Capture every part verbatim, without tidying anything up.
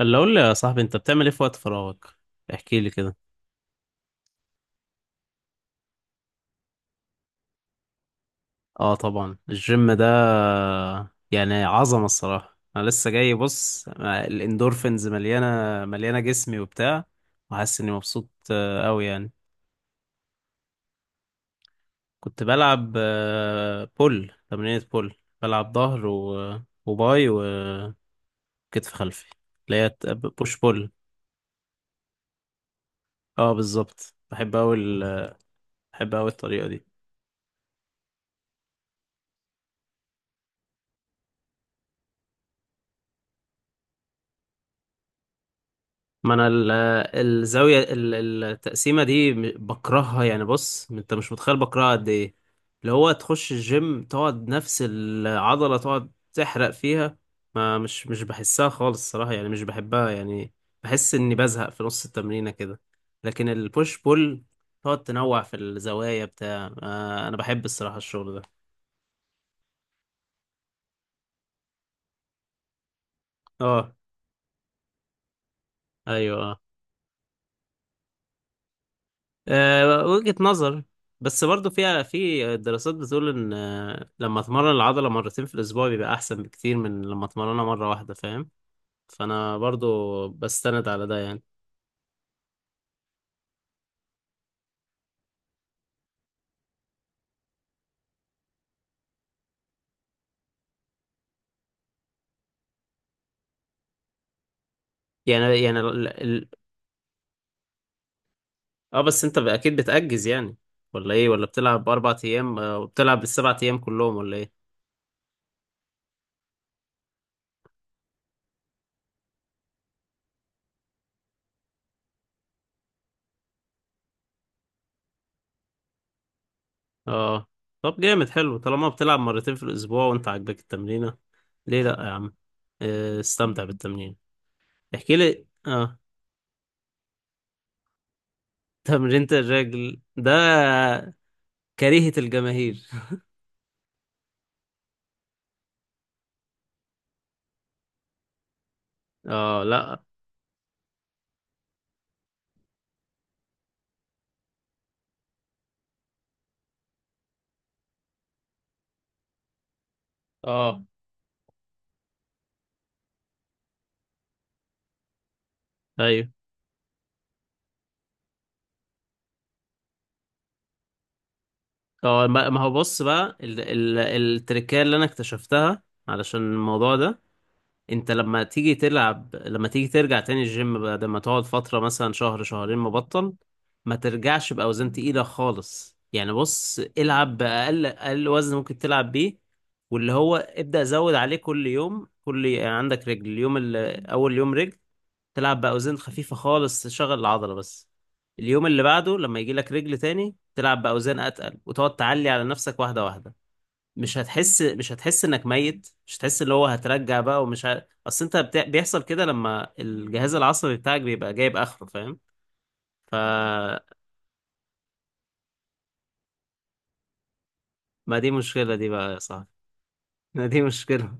اللي اقول لي يا صاحبي، انت بتعمل ايه في وقت فراغك؟ احكي لي كده. اه، طبعا الجيم ده يعني عظمه الصراحه. انا لسه جاي، بص، الاندورفينز مليانه مليانه جسمي وبتاع، وحاسس اني مبسوط آه، قوي يعني. كنت بلعب آه، بول، تمرينة بول. بلعب ظهر و- وباي وكتف خلفي، اللي هي بوش بول. اه بالظبط، بحب قوي. بحب قوي الطريقه دي. ما انا ال- الزاويه ال- التقسيمه دي م- بكرهها يعني. بص، انت مش متخيل بكرهها قد ايه. اللي هو تخش الجيم، تقعد نفس العضله تقعد تحرق فيها، ما مش مش بحسها خالص الصراحه، يعني مش بحبها يعني. بحس اني بزهق في نص التمرينه كده. لكن البوش بول، تقعد تنوع في الزوايا بتاع. آه، انا بحب الصراحه الشغل ده. اه، ايوه، آه. أه، وجهة نظر. بس برضو فيها، في دراسات بتقول ان آه، لما اتمرن العضلة مرتين في الاسبوع بيبقى احسن بكتير من لما اتمرنها مرة واحدة، فاهم. فانا برضو بستند على ده يعني. يعني يعني ال... ال... اه، بس انت اكيد بتأجز يعني، ولا ايه؟ ولا بتلعب اربع ايام آه، وبتلعب السبع ايام كلهم، ولا ايه؟ اه، طب جامد حلو. طالما بتلعب مرتين في الاسبوع وانت عاجبك التمرينة، ليه لا يا عم؟ آه، استمتع بالتمرين. احكي لي، اه. تمرينة الرجل ده كريهة الجماهير. اه لا، اه ايوه. اه، ما ما هو بص، بقى ال ال التركية اللي انا اكتشفتها علشان الموضوع ده: انت لما تيجي تلعب، لما تيجي ترجع تاني الجيم بعد ما تقعد فترة مثلا شهر شهرين مبطل، ما ترجعش بأوزان تقيلة خالص يعني. بص، العب بأقل أقل وزن ممكن تلعب بيه، واللي هو ابدأ زود عليه كل يوم. كل يعني عندك رجل اليوم، ال- أول يوم رجل، تلعب باوزان خفيفه خالص، تشغل العضله بس. اليوم اللي بعده لما يجي لك رجل تاني، تلعب باوزان اتقل، وتقعد تعلي على نفسك واحده واحده. مش هتحس مش هتحس انك ميت. مش هتحس، اللي هو هترجع بقى ومش ه... اصل انت بت... بيحصل كده لما الجهاز العصبي بتاعك بيبقى جايب اخره، فاهم. ف ما دي مشكله دي بقى يا صاحبي. ما دي مشكله،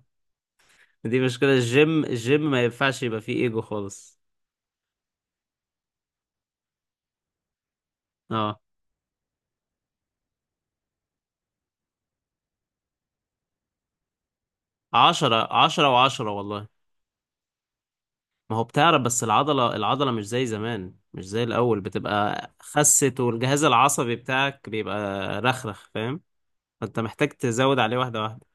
دي مشكله الجيم الجيم ما ينفعش يبقى فيه ايجو خالص. اه، عشرة عشرة وعشرة والله. ما هو بتعرق، بس العضلة العضلة مش زي زمان، مش زي الأول، بتبقى خست. والجهاز العصبي بتاعك بيبقى رخرخ، فاهم. فأنت محتاج تزود عليه واحدة واحدة.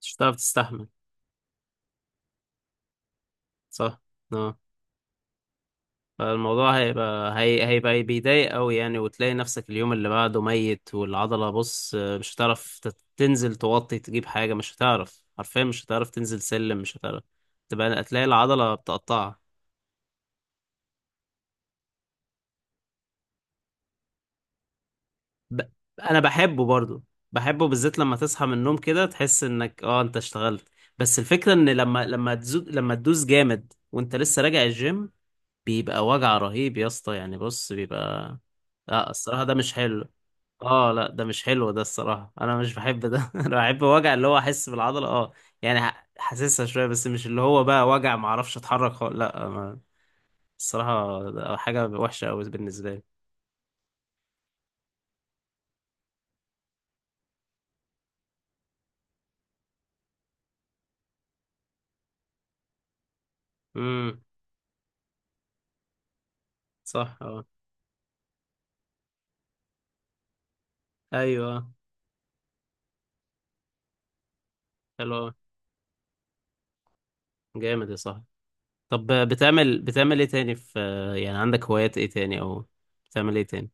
مش هتعرف تستحمل، صح. اه، فالموضوع هيبقى هي... هيبقى بيضايق أوي يعني. وتلاقي نفسك اليوم اللي بعده ميت، والعضلة بص مش هتعرف تت- تنزل توطي تجيب حاجة. مش هتعرف حرفيا، مش هتعرف تنزل سلم، مش هتعرف. تبقى هتلاقي العضلة بتقطعك. ب... انا بحبه برضو. بحبه بالذات لما تصحى من النوم كده، تحس انك اه انت اشتغلت. بس الفكرة ان لما لما تزود، لما تدوس جامد وانت لسه راجع الجيم، بيبقى وجع رهيب يا اسطى. يعني بص، بيبقى... لا الصراحة ده مش حلو. اه لا، ده مش حلو. ده الصراحة انا مش بحب ده. انا بحب وجع اللي هو احس بالعضلة، اه. يعني ح- حاسسها شوية، بس مش اللي هو بقى وجع ما اعرفش اتحرك خالص. لا، ما... الصراحة ده حاجة وحشة قوي بالنسبة لي. امم، صح، اه، ايوه، آه، حلو. جامد يا صاحبي. طب بتعمل بتعمل ايه تاني في... يعني عندك هوايات ايه تاني، او بتعمل ايه تاني؟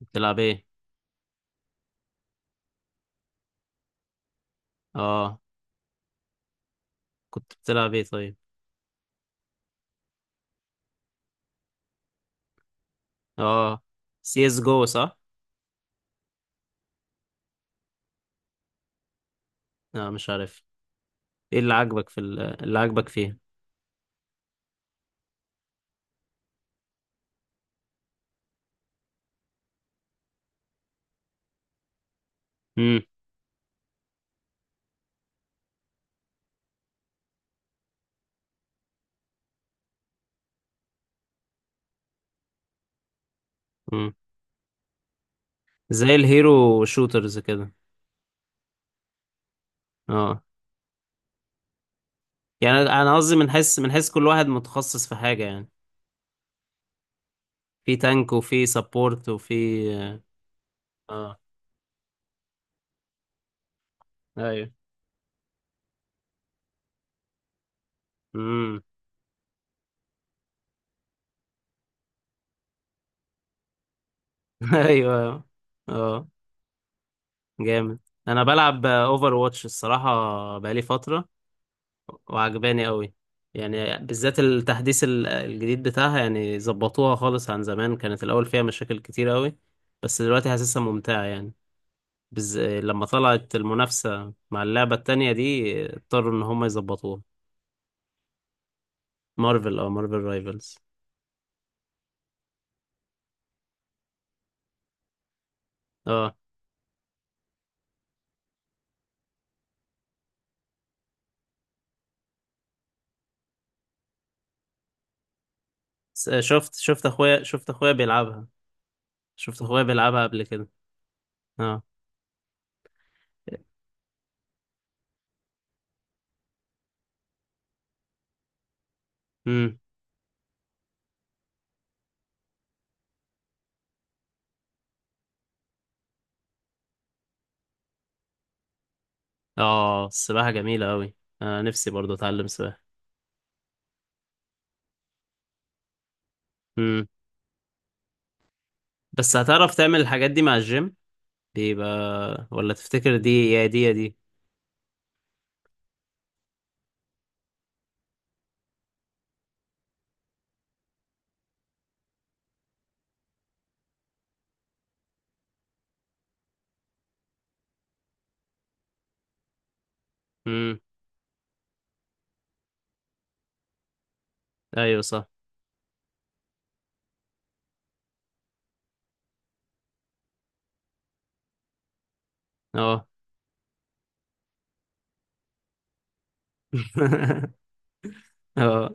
بتلعب ايه؟ اه، كنت بتلعب ايه طيب؟ اه، سي اس جو، صح. لا مش عارف. ايه اللي عاجبك في ال- اللي عاجبك فيها؟ امم، امم. زي الهيرو شوترز كده. اه يعني انا قصدي بنحس بنحس كل واحد متخصص في حاجة يعني. في تانك، وفي سبورت، وفي... اه، آه، ايوه، امم، ايوه، اه، جامد. انا بلعب اوفر واتش الصراحه، بقالي فتره، وعجباني قوي. يعني بالذات التحديث ال- الجديد بتاعها، يعني ظبطوها خالص. عن زمان كانت الاول فيها مشاكل كتير قوي، بس دلوقتي حاسسها ممتعه يعني. بز... لما طلعت المنافسه مع اللعبه التانية دي، اضطروا ان هم يظبطوها. مارفل، او مارفل رايفلز. اه، س- شفت شفت اخويا شفت اخويا بيلعبها. شفت اخويا بيلعبها قبل كده، اه. امم، اه. السباحه جميله قوي. انا نفسي برضو اتعلم سباحه. امم، بس هتعرف تعمل الحاجات دي مع الجيم؟ بيبقى... ولا تفتكر دي يا دي يا دي؟ امم، ايوه، صح، اه. اه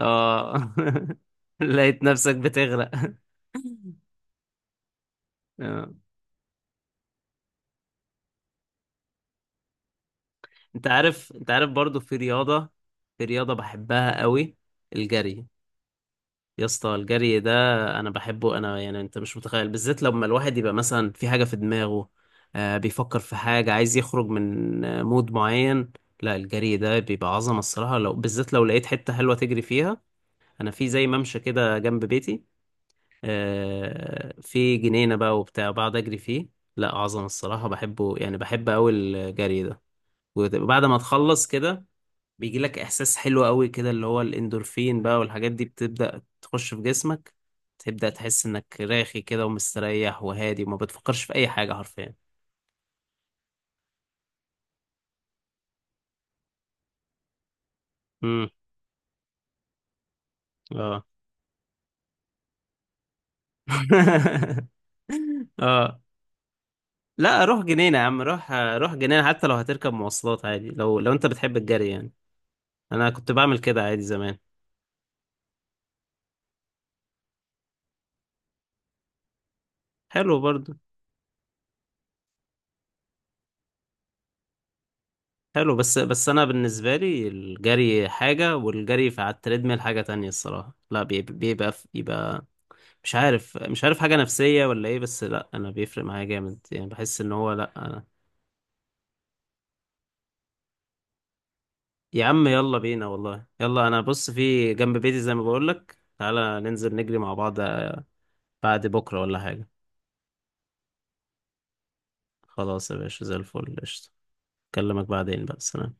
اه لقيت نفسك بتغرق. آه. انت عارف، انت عارف برضو في رياضة، في رياضة بحبها قوي: الجري. يا اسطى الجري ده انا بحبه. انا يعني انت مش متخيل، بالذات لما الواحد يبقى مثلا في حاجه في دماغه. آه بيفكر في حاجه، عايز يخرج من آه، مود معين. لا الجري ده بيبقى عظمه الصراحه، لو بالذات لو لقيت حته حلوه تجري فيها. انا في زي ممشى كده جنب بيتي، آه في جنينه بقى وبتاع، بقعد اجري فيه. لا عظمه الصراحه بحبه يعني. بحب قوي الجري ده. وبعد ما تخلص كده، بيجي لك احساس حلو قوي كده، اللي هو الاندورفين بقى والحاجات دي بتبدأ تخش في جسمك. تبدأ تحس انك راخي كده ومستريح وهادي، وما بتفكرش في اي حاجة حرفيا. امم، اه. اه لا روح جنينة يا عم، روح روح جنينة. حتى لو هتركب مواصلات عادي، لو لو انت بتحب الجري يعني. انا كنت بعمل كده عادي زمان. حلو برضو. حلو، بس بس انا بالنسبة لي الجري حاجة، والجري في على التريدميل حاجة تانية الصراحة. لا بيبقى، بيبقى مش عارف مش عارف حاجة نفسية ولا ايه. بس لا، انا بيفرق معايا جامد يعني. بحس ان هو لا، أنا... يا عم يلا بينا والله. يلا، انا بص في جنب بيتي زي ما بقولك، تعالى ننزل نجري مع بعض. بعد بكرة ولا حاجة؟ خلاص يا باشا، زي الفل، قشطة. اكلمك بعدين بقى، سلام.